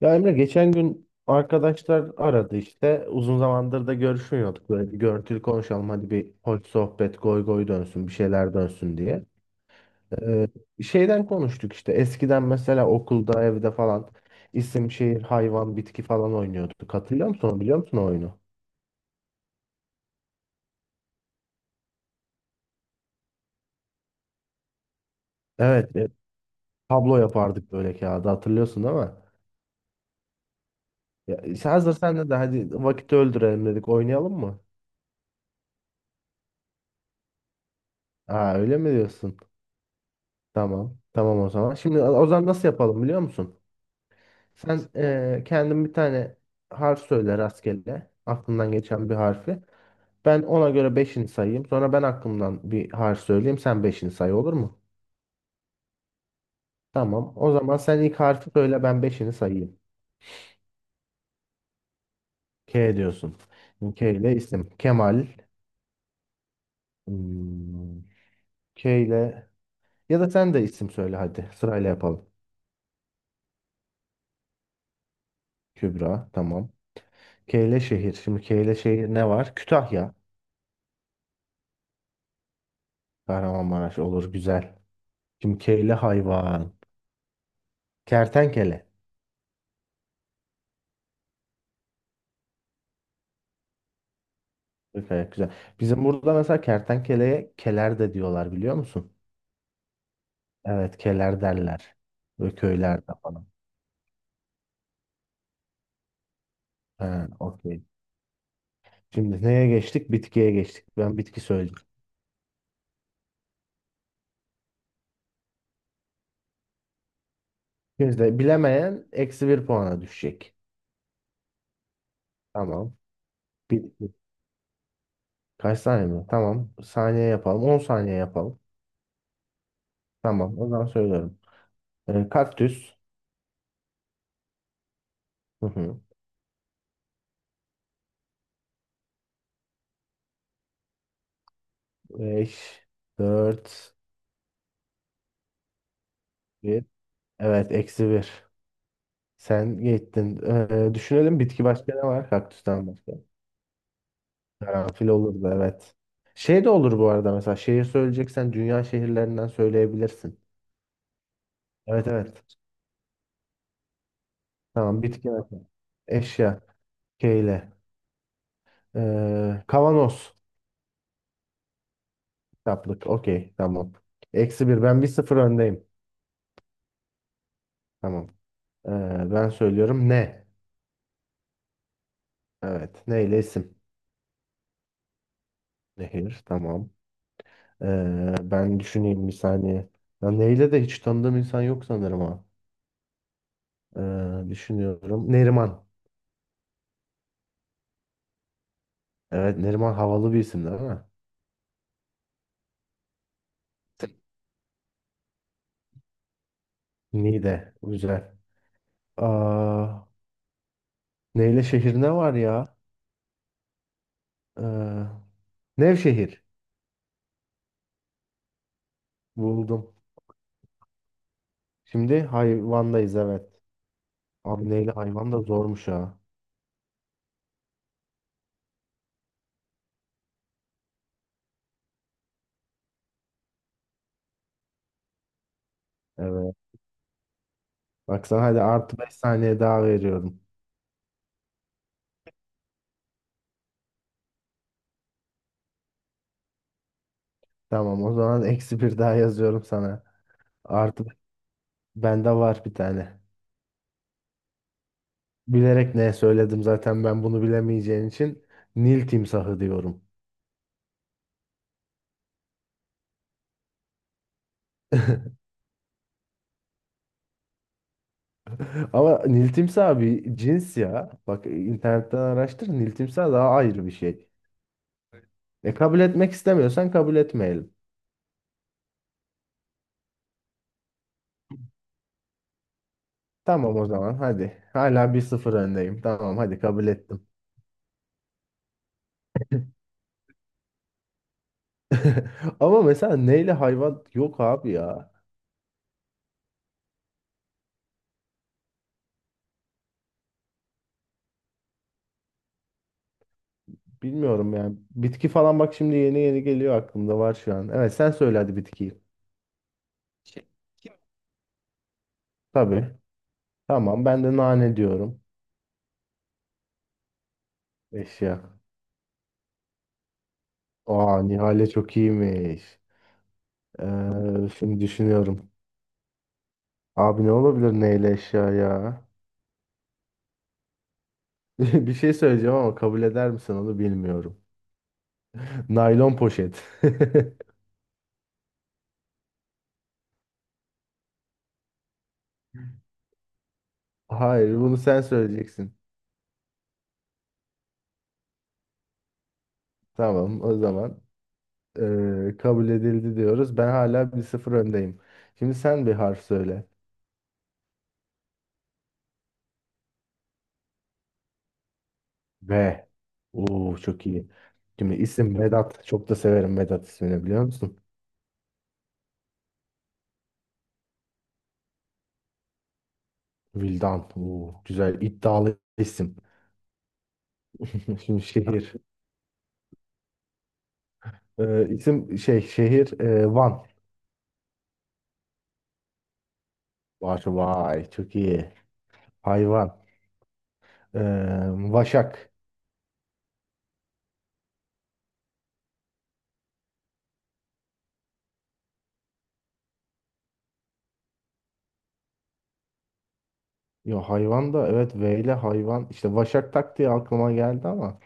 Ya Emre geçen gün arkadaşlar aradı işte. Uzun zamandır da görüşmüyorduk. Böyle bir görüntülü konuşalım hadi bir hoş sohbet goy goy dönsün bir şeyler dönsün diye. Ee, şeyden konuştuk işte eskiden mesela okulda evde falan isim şehir hayvan bitki falan oynuyorduk. Hatırlıyor musun onu biliyor musun o oyunu? Evet tablo yapardık böyle kağıda hatırlıyorsun değil mi? Ya, işte hazır sen de hadi vakit öldürelim dedik oynayalım mı? Ha öyle mi diyorsun? Tamam tamam o zaman. Şimdi o zaman nasıl yapalım biliyor musun? Sen kendin bir tane harf söyle rastgele. Aklından geçen bir harfi. Ben ona göre beşini sayayım. Sonra ben aklımdan bir harf söyleyeyim. Sen beşini say olur mu? Tamam. O zaman sen ilk harfi söyle ben beşini sayayım. K diyorsun. K ile isim. Kemal. Hmm, K ile ya da sen de isim söyle hadi. Sırayla yapalım. Kübra. Tamam. K ile şehir. Şimdi K ile şehir ne var? Kütahya. Kahramanmaraş olur güzel. Şimdi K ile hayvan. Kertenkele. Gayet güzel. Bizim burada mesela kertenkeleye keler de diyorlar biliyor musun? Evet keler derler. Böyle köylerde falan. Ha, okey. Şimdi neye geçtik? Bitkiye geçtik. Ben bitki söyleyeceğim. Şimdi bilemeyen eksi bir puana düşecek. Tamam. Bitki. Kaç saniye mi? Tamam. Saniye yapalım. 10 saniye yapalım. Tamam. O zaman söylüyorum. Kaktüs. Hı hı. 5, 4, 1. Evet eksi bir. Sen gittin. Düşünelim bitki başka ne var? Kaktüsten başka. Karanfil olurdu evet. Şey de olur bu arada mesela şehir söyleyeceksen dünya şehirlerinden söyleyebilirsin. Evet evet. Tamam bitki nakli. Eşya. Keyle. Kavanoz. Kitaplık. Okey tamam. Eksi bir. Ben bir sıfır öndeyim. Tamam. Ee, ben söylüyorum ne? Evet. Neyle isim? Nehir. Tamam. Ben düşüneyim bir saniye. Ya neyle de hiç tanıdığım insan yok sanırım ha. Düşünüyorum. Neriman. Evet Neriman havalı bir isim değil mi? Niğde. Güzel. Aa, neyle şehir ne var ya? Ee, Nevşehir. Buldum. Şimdi hayvandayız evet. Abi neyle hayvan da zormuş ha. Evet. Baksana hadi artı beş saniye daha veriyorum. Tamam o zaman eksi bir daha yazıyorum sana. Artı bende var bir tane. Bilerek ne söyledim zaten ben bunu bilemeyeceğin için Nil timsahı diyorum. Ama Nil timsahı bir cins ya. Bak internetten araştır. Nil timsahı daha ayrı bir şey. E kabul etmek istemiyorsan kabul etmeyelim. Tamam o zaman hadi. Hala bir sıfır öndeyim. Tamam hadi kabul ettim. Ama mesela neyle hayvan yok abi ya. Bilmiyorum yani. Bitki falan bak şimdi yeni yeni geliyor aklımda var şu an. Evet sen söyle hadi bitkiyi. Tabii. Tamam ben de nane diyorum. Eşya. Aa Nihal'e çok iyiymiş. Şimdi düşünüyorum. Abi ne olabilir neyle eşya ya? Bir şey söyleyeceğim ama kabul eder misin onu bilmiyorum. Naylon poşet. Hayır, bunu sen söyleyeceksin. Tamam, o zaman kabul edildi diyoruz. Ben hala bir sıfır öndeyim. Şimdi sen bir harf söyle. V. Oo çok iyi. Şimdi isim Vedat. Çok da severim Vedat ismini biliyor musun? Vildan. Oo, güzel iddialı isim. Şimdi şehir. İsim şey şehir Van. Vay, vay çok iyi. Hayvan. Eee, Vaşak. Yo hayvan da evet V ile hayvan. İşte Vaşak tak diye aklıma geldi ama.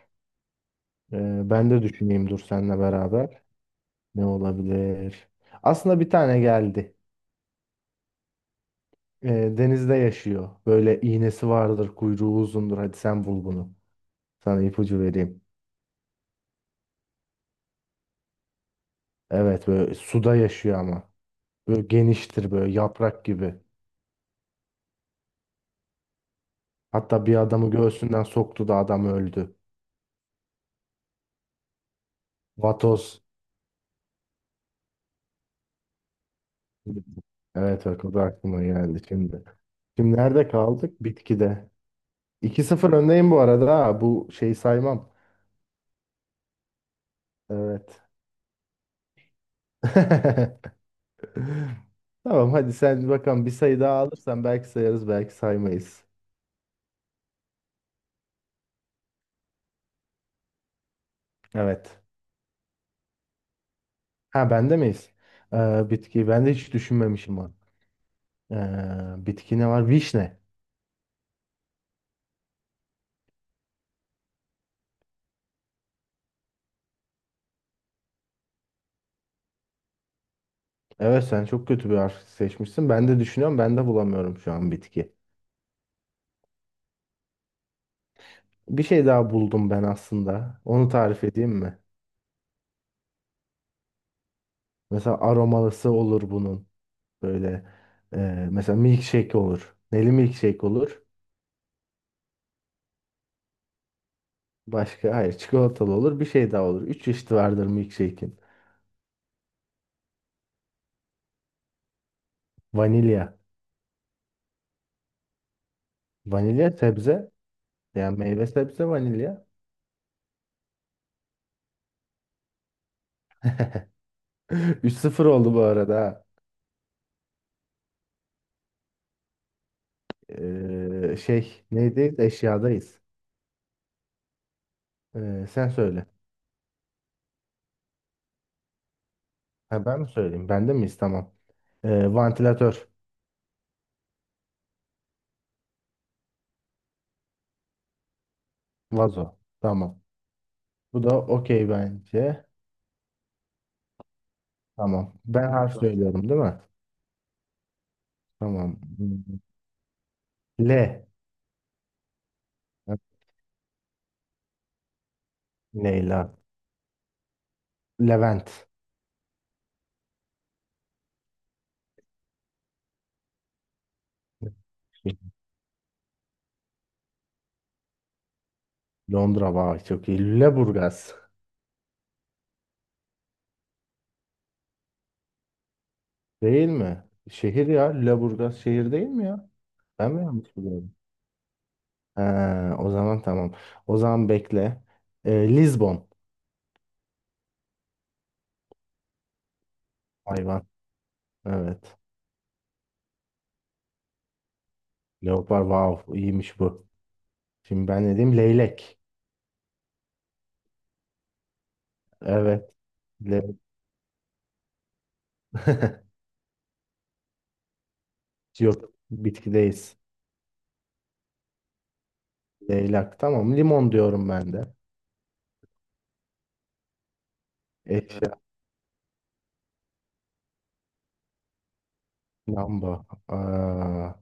Ben de düşüneyim dur seninle beraber. Ne olabilir? Aslında bir tane geldi. Ee, denizde yaşıyor. Böyle iğnesi vardır, kuyruğu uzundur. Hadi sen bul bunu. Sana ipucu vereyim. Evet böyle suda yaşıyor ama. Böyle geniştir böyle yaprak gibi. Hatta bir adamı göğsünden soktu da adam öldü. Vatoz. Evet bak o da aklıma geldi şimdi. Şimdi nerede kaldık? Bitkide. 2-0 öndeyim bu arada, ha. Bu şeyi saymam. Evet. Tamam hadi sen bakalım bir sayı daha alırsan belki sayarız belki saymayız. Evet. Ha bende miyiz? Bitki ben de hiç düşünmemişim bak. Bitki ne var? Vişne. Evet sen çok kötü bir harf seçmişsin. Ben de düşünüyorum ben de bulamıyorum şu an bitki. Bir şey daha buldum ben aslında. Onu tarif edeyim mi? Mesela aromalısı olur bunun. Böyle mesela milkshake olur. Neli milkshake olur. Başka hayır çikolatalı olur. Bir şey daha olur. Üç çeşit vardır milkshake'in. Vanilya. Vanilya sebze. Yani meyve sebze vanilya. 3 sıfır oldu bu arada, ha. Şey neydeyiz? Eşyadayız. Sen söyle. Ha, ben mi söyleyeyim? Ben de miyiz? Tamam. Vantilatör. Vazo. Tamam. Bu da okey bence. Tamam. Ben harf tamam söylüyorum değil mi? Tamam. Hmm. Le. Leyla. Levent. Londra. Vay çok iyi. Lüleburgaz. Değil mi? Şehir ya. Lüleburgaz şehir değil mi ya? Ben mi yanlış biliyorum? Ha, o zaman tamam. O zaman bekle. Lizbon hayvan. Evet. Leopar wow iyiymiş bu. Şimdi ben ne diyeyim? Leylek. Evet. Le Yok bitkideyiz. Leylak tamam. Limon diyorum ben de. Eşya. Lamba. Aa,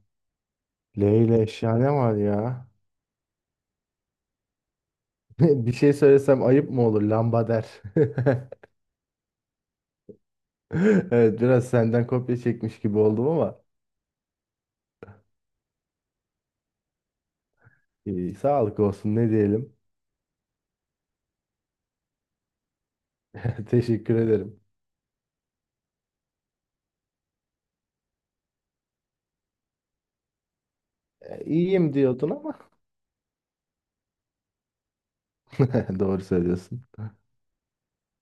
Leyla eşya ne var ya? Bir şey söylesem ayıp mı olur? Lamba der. Evet biraz senden kopya çekmiş gibi oldum ama. Sağlık olsun ne diyelim. Teşekkür ederim. İyiyim diyordun ama doğru söylüyorsun.